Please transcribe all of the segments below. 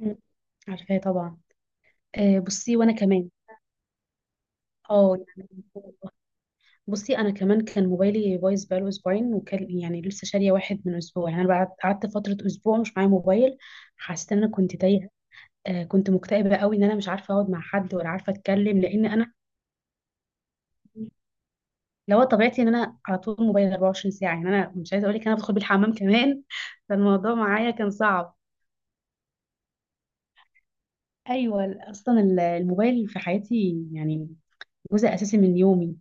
مم. عارفاه طبعا. آه بصي وانا كمان. اه، يعني بصي انا كمان كان موبايلي بايظ بقاله اسبوعين، وكان يعني لسه شاريه واحد من اسبوع. يعني انا بعد قعدت فتره اسبوع مش معايا موبايل، حسيت ان انا كنت تايهه. كنت مكتئبه قوي ان انا مش عارفه اقعد مع حد ولا عارفه اتكلم، لان انا لو طبيعتي ان انا على طول موبايل 24 ساعه. يعني انا مش عايزه اقول لك، انا بدخل بيه الحمام كمان. فالموضوع معايا كان صعب. ايوه، اصلا الموبايل في حياتي يعني جزء اساسي من يومي.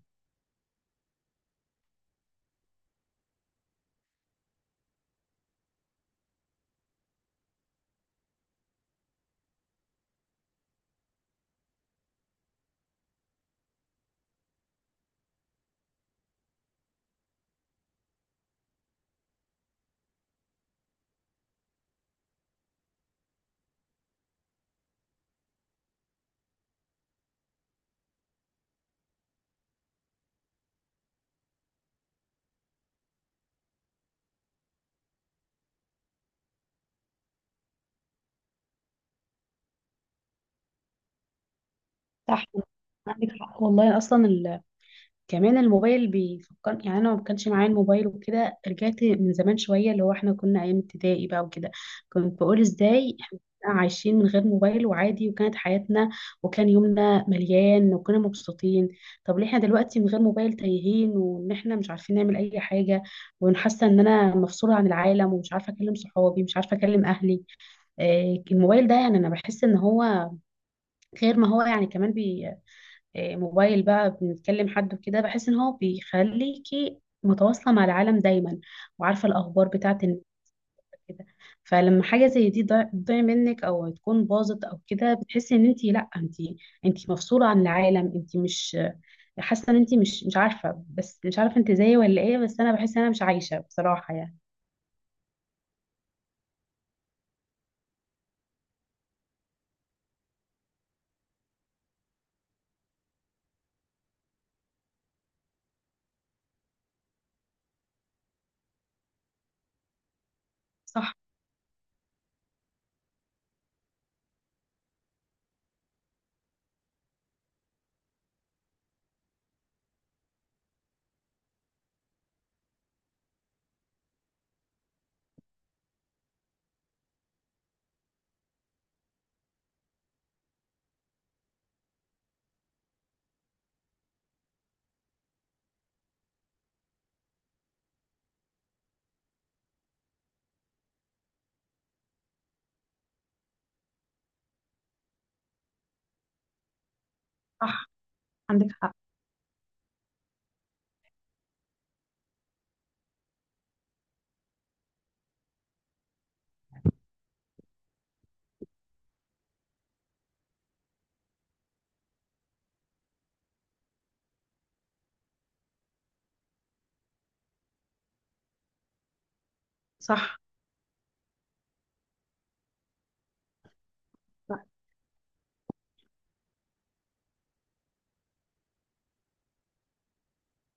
صح. عندك حق والله، اصلا كمان الموبايل بيفكر، يعني انا ما كانش معايا الموبايل وكده، رجعت من زمان شويه، اللي هو احنا كنا ايام ابتدائي بقى وكده. كنت بقول ازاي احنا كنا عايشين من غير موبايل، وعادي، وكانت حياتنا، وكان يومنا مليان، وكنا مبسوطين. طب ليه احنا دلوقتي من غير موبايل تايهين، وان احنا مش عارفين نعمل اي حاجه، وحاسه ان انا مفصوله عن العالم، ومش عارفه اكلم صحابي، مش عارفه اكلم اهلي. الموبايل ده، يعني انا بحس ان هو غير ما هو، يعني كمان بي. موبايل بقى بنتكلم حد وكده، بحس ان هو بيخليكي متواصلة مع العالم دايما، وعارفة الأخبار بتاعة النت كده. فلما حاجة زي دي تضيع منك، أو تكون باظت أو كده، بتحسي إن أنت، لأ، أنت مفصولة عن العالم، أنت مش حاسة إن أنت مش عارفة، بس مش عارفة أنت زيي ولا إيه. بس أنا بحس إن أنا مش عايشة بصراحة يعني. صح، صح. عندك حق. صح.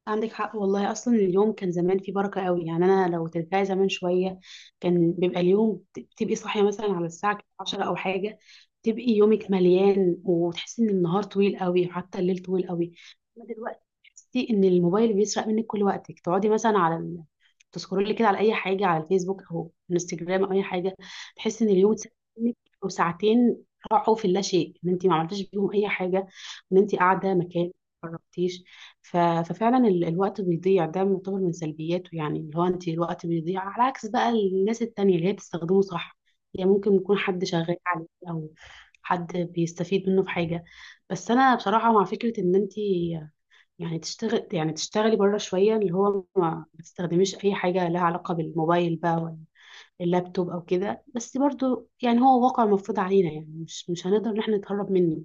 عندك حق والله، اصلا اليوم كان زمان فيه بركه قوي. يعني انا لو ترجعي زمان شويه، كان بيبقى اليوم تبقي صاحيه مثلا على الساعه 10 او حاجه. تبقي يومك مليان، وتحسي ان النهار طويل قوي، وحتى الليل طويل قوي. اما دلوقتي تحسي ان الموبايل بيسرق منك كل وقتك، تقعدي مثلا على تسكرولي كده على اي حاجه، على الفيسبوك او انستجرام او اي حاجه. تحسي ان اليوم اتسرق منك، او ساعتين راحوا في اللا شيء، ان انت ما عملتيش بيهم اي حاجه، ان انت قاعده مكان ما خرجتيش. ف- ففعلا الوقت بيضيع، ده يعتبر من سلبياته. يعني اللي هو انت الوقت بيضيع، على عكس بقى الناس التانية اللي هي بتستخدمه صح. يعني ممكن يكون حد شغال عليه، او حد بيستفيد منه في حاجة. بس انا بصراحة مع فكرة ان انت يعني تشتغل، يعني تشتغلي بره شوية، اللي هو ما تستخدميش اي حاجة لها علاقة بالموبايل بقى، ولا اللابتوب او كده. بس برضو يعني هو واقع مفروض علينا، يعني مش هنقدر ان احنا نتهرب منه.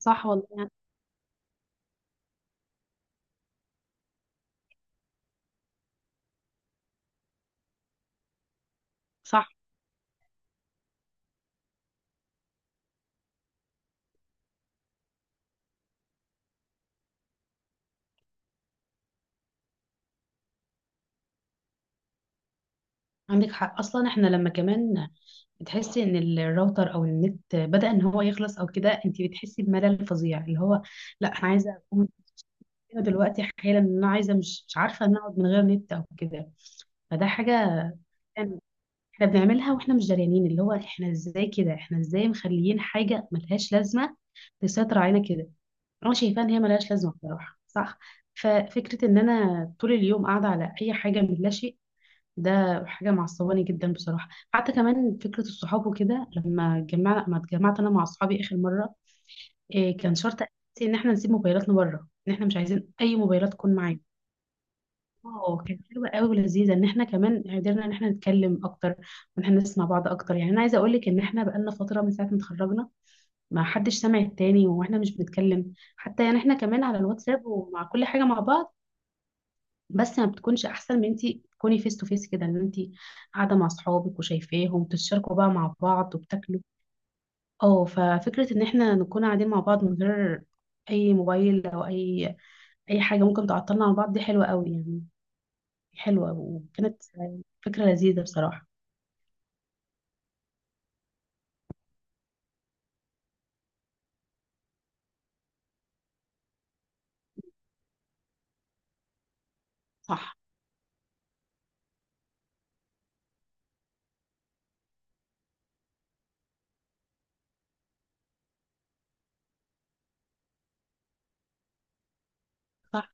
صح والله. صح. عندك حق، اصلا احنا لما كمان بتحسي ان الراوتر او النت بدأ ان هو يخلص او كده، انت بتحسي بملل فظيع، اللي هو لا، انا عايزه اقوم هنا دلوقتي حالا، ان انا عايزه، مش عارفه ان اقعد من غير نت او كده. فده حاجه يعني احنا بنعملها واحنا مش دريانين، اللي هو احنا ازاي كده، احنا ازاي مخليين حاجه ملهاش لازمه تسيطر علينا كده. انا شايفه ان هي ملهاش لازمه بصراحه. صح. ففكره ان انا طول اليوم قاعده على اي حاجه من اللاشيء، ده حاجة معصباني جدا بصراحة. حتى كمان فكرة الصحاب وكده، لما ما اتجمعت أنا مع أصحابي آخر مرة، إيه، كان شرط أساسي إن إحنا نسيب موبايلاتنا بره، إن إحنا مش عايزين أي موبايلات تكون معانا. اه كانت حلوة قوي ولذيذة، إن إحنا كمان قدرنا إن إحنا نتكلم أكتر، وإن إحنا نسمع بعض أكتر. يعني أنا عايزة أقول لك، إن إحنا بقالنا فترة، من ساعة ما اتخرجنا ما حدش سامع التاني، وإحنا مش بنتكلم حتى. يعني إحنا كمان على الواتساب ومع كل حاجة مع بعض، بس ما بتكونش احسن من، انت تكوني فيس تو فيس كده، ان انت قاعده مع اصحابك وشايفاهم تتشاركوا بقى مع بعض وبتاكلوا. اه ففكره ان احنا نكون قاعدين مع بعض، من غير اي موبايل، او اي حاجه ممكن تعطلنا عن بعض، دي حلوه قوي يعني. حلوه، وكانت فكره لذيذه بصراحه. صح، صح.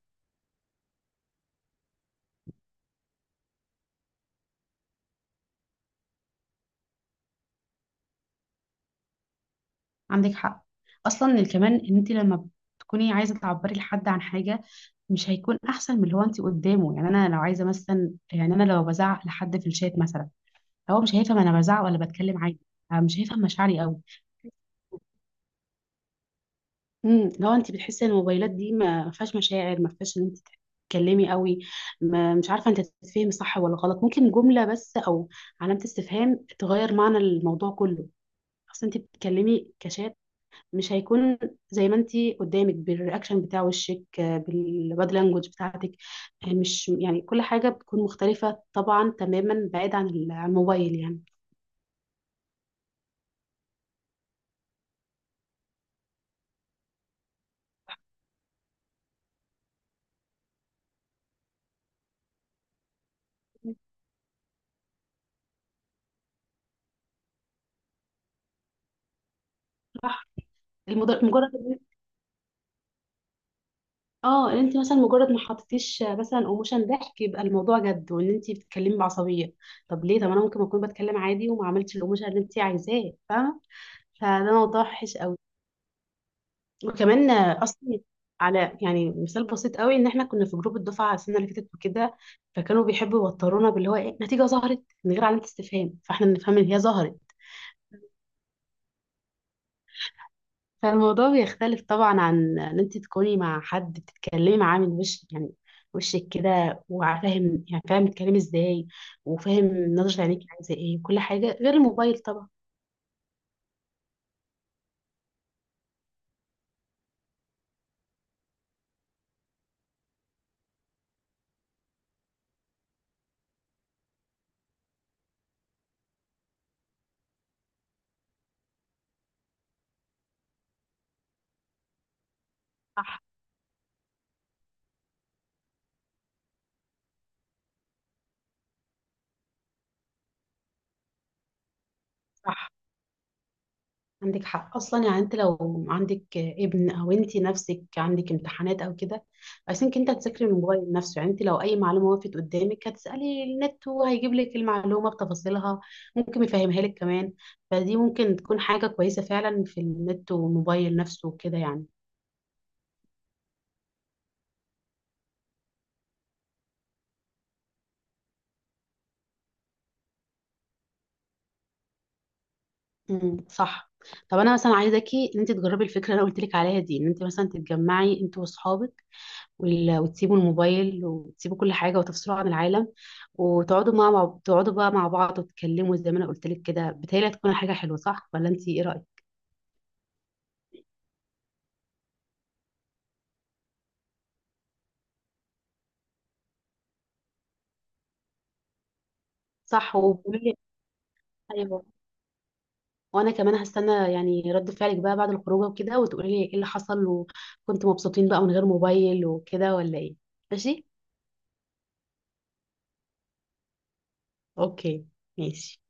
عندك حق. اصلا كمان ان انت لما تكوني عايزه تعبري لحد عن حاجه، مش هيكون احسن من اللي هو انت قدامه. يعني انا لو عايزه مثلا، يعني انا لو بزعق لحد في الشات مثلا، هو مش هيفهم انا بزعق ولا بتكلم عادي. مش هيفهم مشاعري قوي. لو انت بتحسي ان الموبايلات دي ما فيهاش مشاعر، ما فيهاش ان انت تتكلمي قوي، ما مش عارفه انت تتفهمي صح ولا غلط. ممكن جمله بس، او علامه استفهام، تغير معنى الموضوع كله. اصل انت بتتكلمي كشات، مش هيكون زي ما انت قدامك بالرياكشن بتاع وشك، بالبادي لانجوج بتاعتك. مش يعني كل حاجه بتكون مختلفه طبعا تماما، بعيد عن عن الموبايل يعني. صح. المجرد، اه ان انت مثلا، مجرد ما حطيتيش مثلا ايموشن ضحك، يبقى الموضوع جد، وان انت بتتكلمي بعصبيه. طب ليه، طب انا ممكن اكون بتكلم عادي، وما عملتش الايموشن اللي انت عايزاه، فاهمه. فده موضوع وحش قوي. وكمان اصلا، على يعني مثال بسيط قوي، ان احنا كنا في جروب الدفعه السنه اللي فاتت وكده، فكانوا بيحبوا يوترونا باللي هو ايه، نتيجه ظهرت من غير علامه استفهام، فاحنا نفهم ان هي ظهرت. فالموضوع بيختلف طبعا عن ان انت تكوني مع حد بتتكلمي معاه من وش، يعني وشك كده، وفاهم يعني فاهم بتتكلمي ازاي، وفاهم نظرة عينيك عايزة ايه، وكل حاجة، غير الموبايل طبعا. صح، صح. عندك حق. اصلا يعني انت لو عندك ابن، او انت نفسك عندك امتحانات او كده، عايزينك انت تذاكري من الموبايل نفسه. يعني انت لو اي معلومه وقفت قدامك، هتسالي النت وهيجيب لك المعلومه بتفاصيلها، ممكن يفهمها لك كمان. فدي ممكن تكون حاجه كويسه فعلا في النت والموبايل نفسه وكده يعني. امم، صح. طب انا مثلا عايزاكي ان انت تجربي الفكره اللي انا قلت لك عليها دي، ان انت مثلا تتجمعي انت واصحابك، وتسيبوا الموبايل وتسيبوا كل حاجة، وتفصلوا عن العالم، وتقعدوا مع تقعدوا بقى مع بعض وتتكلموا زي ما انا قلت لك كده. بتهيألي هتكون حاجة حلوة، صح ولا انت ايه رأيك؟ صح. وقولي لي. ايوه. وانا كمان هستنى يعني رد فعلك بقى بعد الخروجه وكده، وتقولي لي ايه اللي حصل، وكنتوا مبسوطين بقى من غير موبايل وكده ولا ايه. ماشي. اوكي. ماشي.